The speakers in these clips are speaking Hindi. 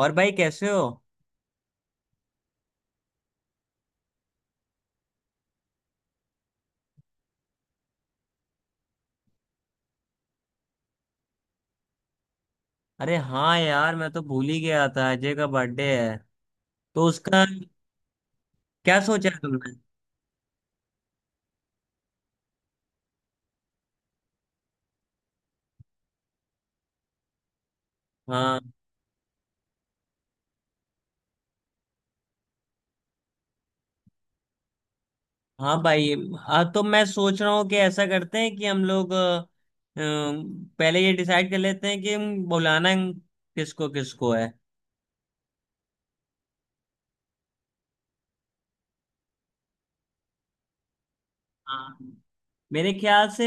और भाई कैसे हो? अरे हाँ यार मैं तो भूल ही गया था। अजय का बर्थडे है। तो उसका क्या सोचा है तुमने? हाँ। हाँ भाई। हाँ तो मैं सोच रहा हूँ कि ऐसा करते हैं कि हम लोग पहले ये डिसाइड कर लेते हैं कि हम बुलाना किसको किसको है। हाँ। मेरे ख्याल से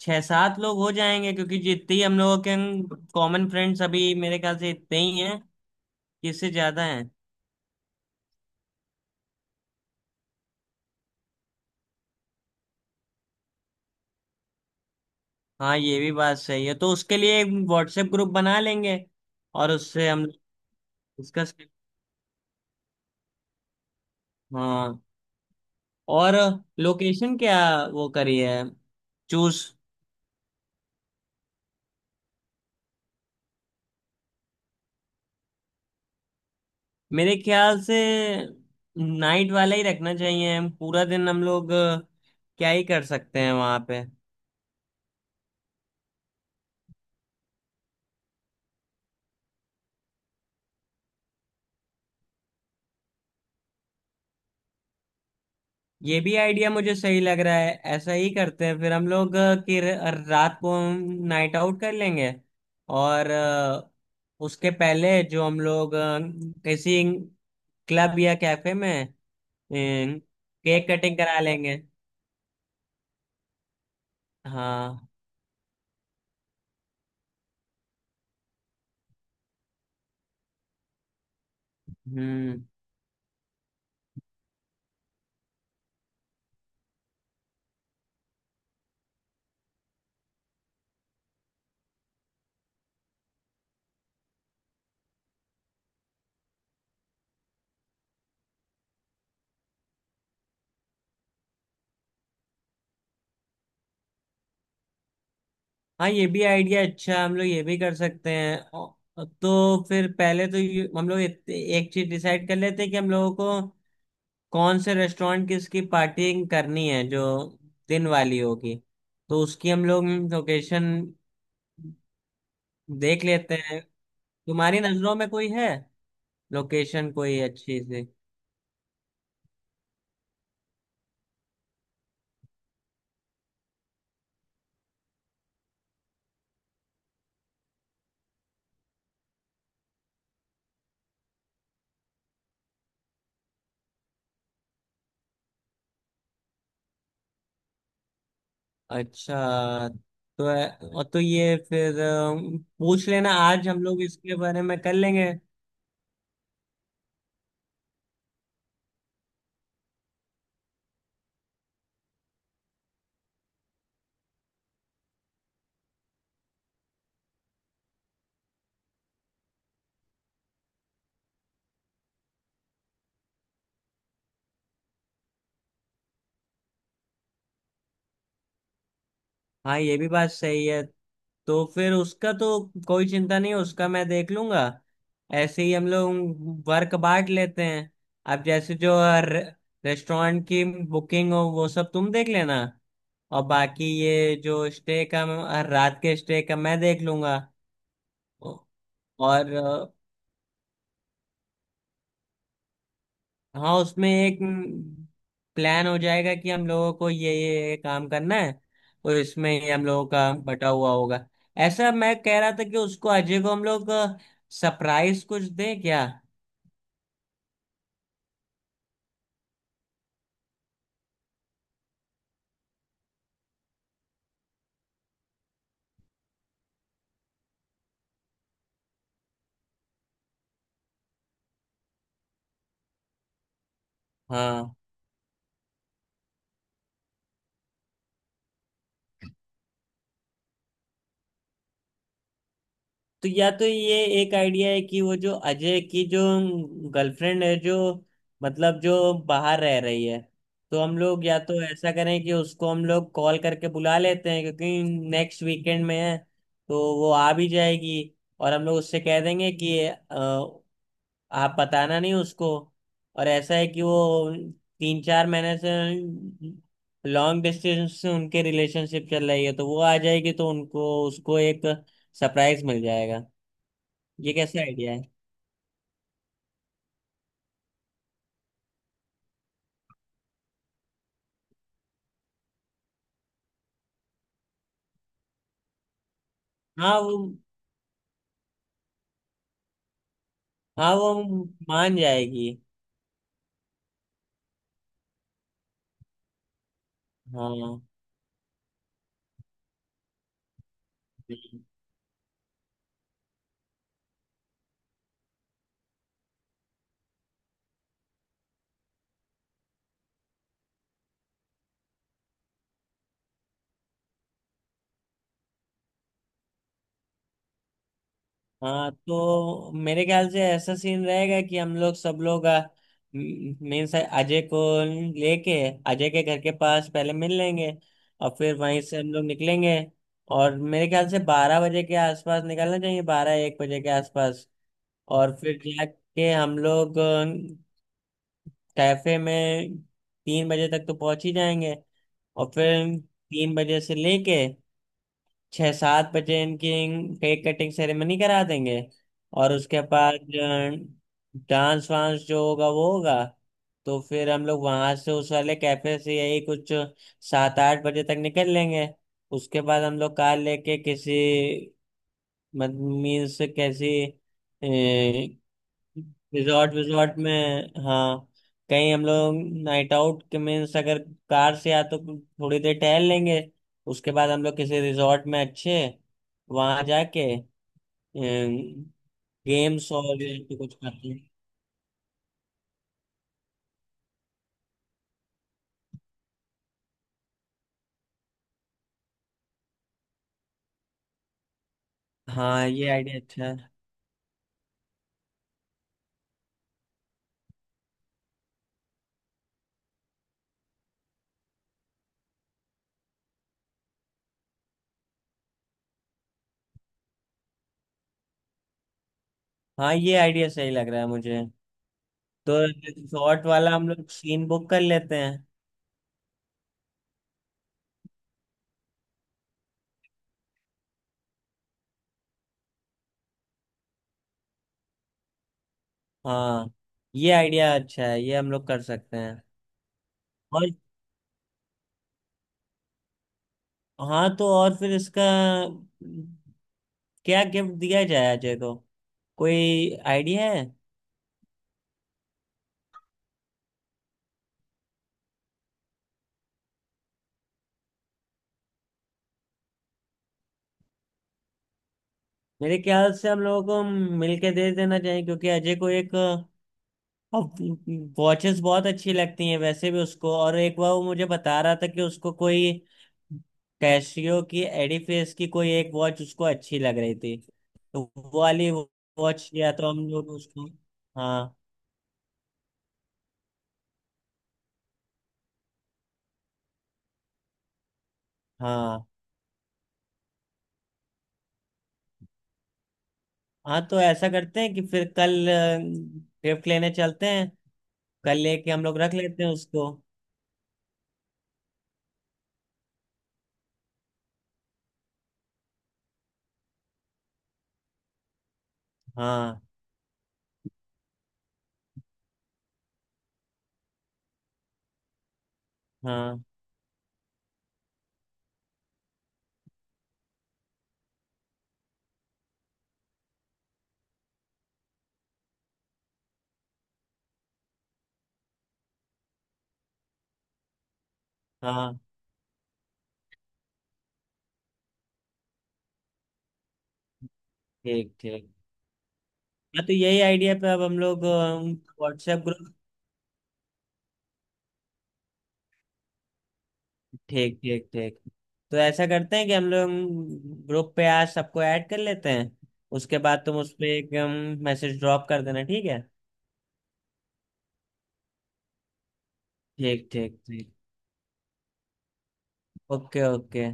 छह सात लोग हो जाएंगे क्योंकि जितने ही हम लोगों के कॉमन फ्रेंड्स अभी मेरे ख्याल से इतने ही हैं, कि इससे ज्यादा हैं। हाँ ये भी बात सही है। तो उसके लिए एक व्हाट्सएप ग्रुप बना लेंगे और उससे हम डिस्कस। हाँ। और लोकेशन क्या वो करी है। चूज। मेरे ख्याल से नाइट वाला ही रखना चाहिए। हम पूरा दिन हम लोग क्या ही कर सकते हैं वहां पे। ये भी आइडिया मुझे सही लग रहा है। ऐसा ही करते हैं फिर हम लोग कि रात को नाइट आउट कर लेंगे। और उसके पहले जो हम लोग किसी क्लब या कैफे में केक कटिंग करा लेंगे। हाँ। हम्म। हाँ ये भी आइडिया अच्छा है, हम लोग ये भी कर सकते हैं। तो फिर पहले तो हम लोग एक एक चीज डिसाइड कर लेते हैं कि हम लोगों को कौन से रेस्टोरेंट की इसकी पार्टी करनी है जो दिन वाली होगी। तो उसकी हम लोग लोकेशन देख लेते हैं। तुम्हारी नजरों में कोई है लोकेशन कोई अच्छी सी? अच्छा। तो और तो ये फिर पूछ लेना आज हम लोग इसके बारे में कर लेंगे। हाँ ये भी बात सही है। तो फिर उसका तो कोई चिंता नहीं है। उसका मैं देख लूंगा। ऐसे ही हम लोग वर्क बांट लेते हैं। अब जैसे जो रे, रेस्टोरेंट की बुकिंग हो वो सब तुम देख लेना। और बाकी ये जो स्टे का रात के स्टे का मैं देख लूंगा। और हाँ उसमें एक प्लान हो जाएगा कि हम लोगों को ये काम करना है और इसमें ये हम लोगों का बटा हुआ होगा। ऐसा मैं कह रहा था कि उसको अजय को हम लोग सरप्राइज कुछ दें क्या? हाँ। तो या तो ये एक आइडिया है कि वो जो अजय की जो गर्लफ्रेंड है, जो मतलब जो बाहर रह रही है, तो हम लोग या तो ऐसा करें कि उसको हम लोग कॉल करके बुला लेते हैं क्योंकि नेक्स्ट वीकेंड में है तो वो आ भी जाएगी और हम लोग उससे कह देंगे कि आप बताना नहीं उसको। और ऐसा है कि वो 3-4 महीने से लॉन्ग डिस्टेंस से उनके रिलेशनशिप चल रही है तो वो आ जाएगी, तो उनको उसको एक सरप्राइज मिल जाएगा। ये कैसा आइडिया है? हाँ वो। हाँ वो मान जाएगी। हाँ। हाँ तो मेरे ख्याल से ऐसा सीन रहेगा कि हम लोग सब लोग मीन्स अजय को लेके अजय के घर के पास पहले मिल लेंगे। और फिर वहीं से हम लोग निकलेंगे। और मेरे ख्याल से 12 बजे के आसपास निकलना चाहिए। 12-1 बजे के आसपास। और फिर जाके हम लोग कैफे में 3 बजे तक तो पहुंच ही जाएंगे। और फिर 3 बजे से लेके 6-7 बजे इनकी केक कटिंग सेरेमनी करा देंगे। और उसके बाद डांस वांस जो होगा वो होगा। तो फिर हम लोग वहां से उस वाले कैफे से यही कुछ 7-8 बजे तक निकल लेंगे। उसके बाद हम लोग कार लेके किसी मतलब मीन्स कैसी रिजॉर्ट विजॉर्ट में। हाँ। कहीं हम लोग नाइट आउट के मीन्स अगर कार से या तो थोड़ी देर टहल लेंगे। उसके बाद हम लोग किसी रिजॉर्ट में अच्छे वहां जाके गेम्स और ये तो कुछ करते हैं। हाँ ये आइडिया अच्छा है। हाँ ये आइडिया सही लग रहा है मुझे। तो रिजॉर्ट वाला हम लोग सीन बुक कर लेते हैं। हाँ ये आइडिया अच्छा है। ये हम लोग कर सकते हैं। और हाँ तो और फिर इसका क्या गिफ्ट दिया जाए अजय को? कोई आइडिया है? मेरे ख्याल से हम लोगों को मिलके दे देना चाहिए क्योंकि अजय को एक वॉचेस बहुत अच्छी लगती हैं वैसे भी उसको। और एक बार वो मुझे बता रहा था कि उसको कोई कैशियो की एडिफेस की कोई एक वॉच उसको अच्छी लग रही थी। तो वो वाली वॉच या तो हम लोग उसको। हाँ। हाँ। हाँ तो ऐसा करते हैं कि फिर कल गिफ्ट लेने चलते हैं। कल लेके हम लोग रख लेते हैं उसको। हाँ। हाँ। हाँ। ठीक ठीक। हाँ तो यही आइडिया पे अब हम लोग व्हाट्सएप ग्रुप। ठीक ठीक ठीक। तो ऐसा करते हैं कि हम लोग ग्रुप पे आज सबको ऐड कर लेते हैं। उसके बाद तुम उस पे एक मैसेज ड्रॉप कर देना, ठीक है? ठीक ठीक ठीक। Okay okay.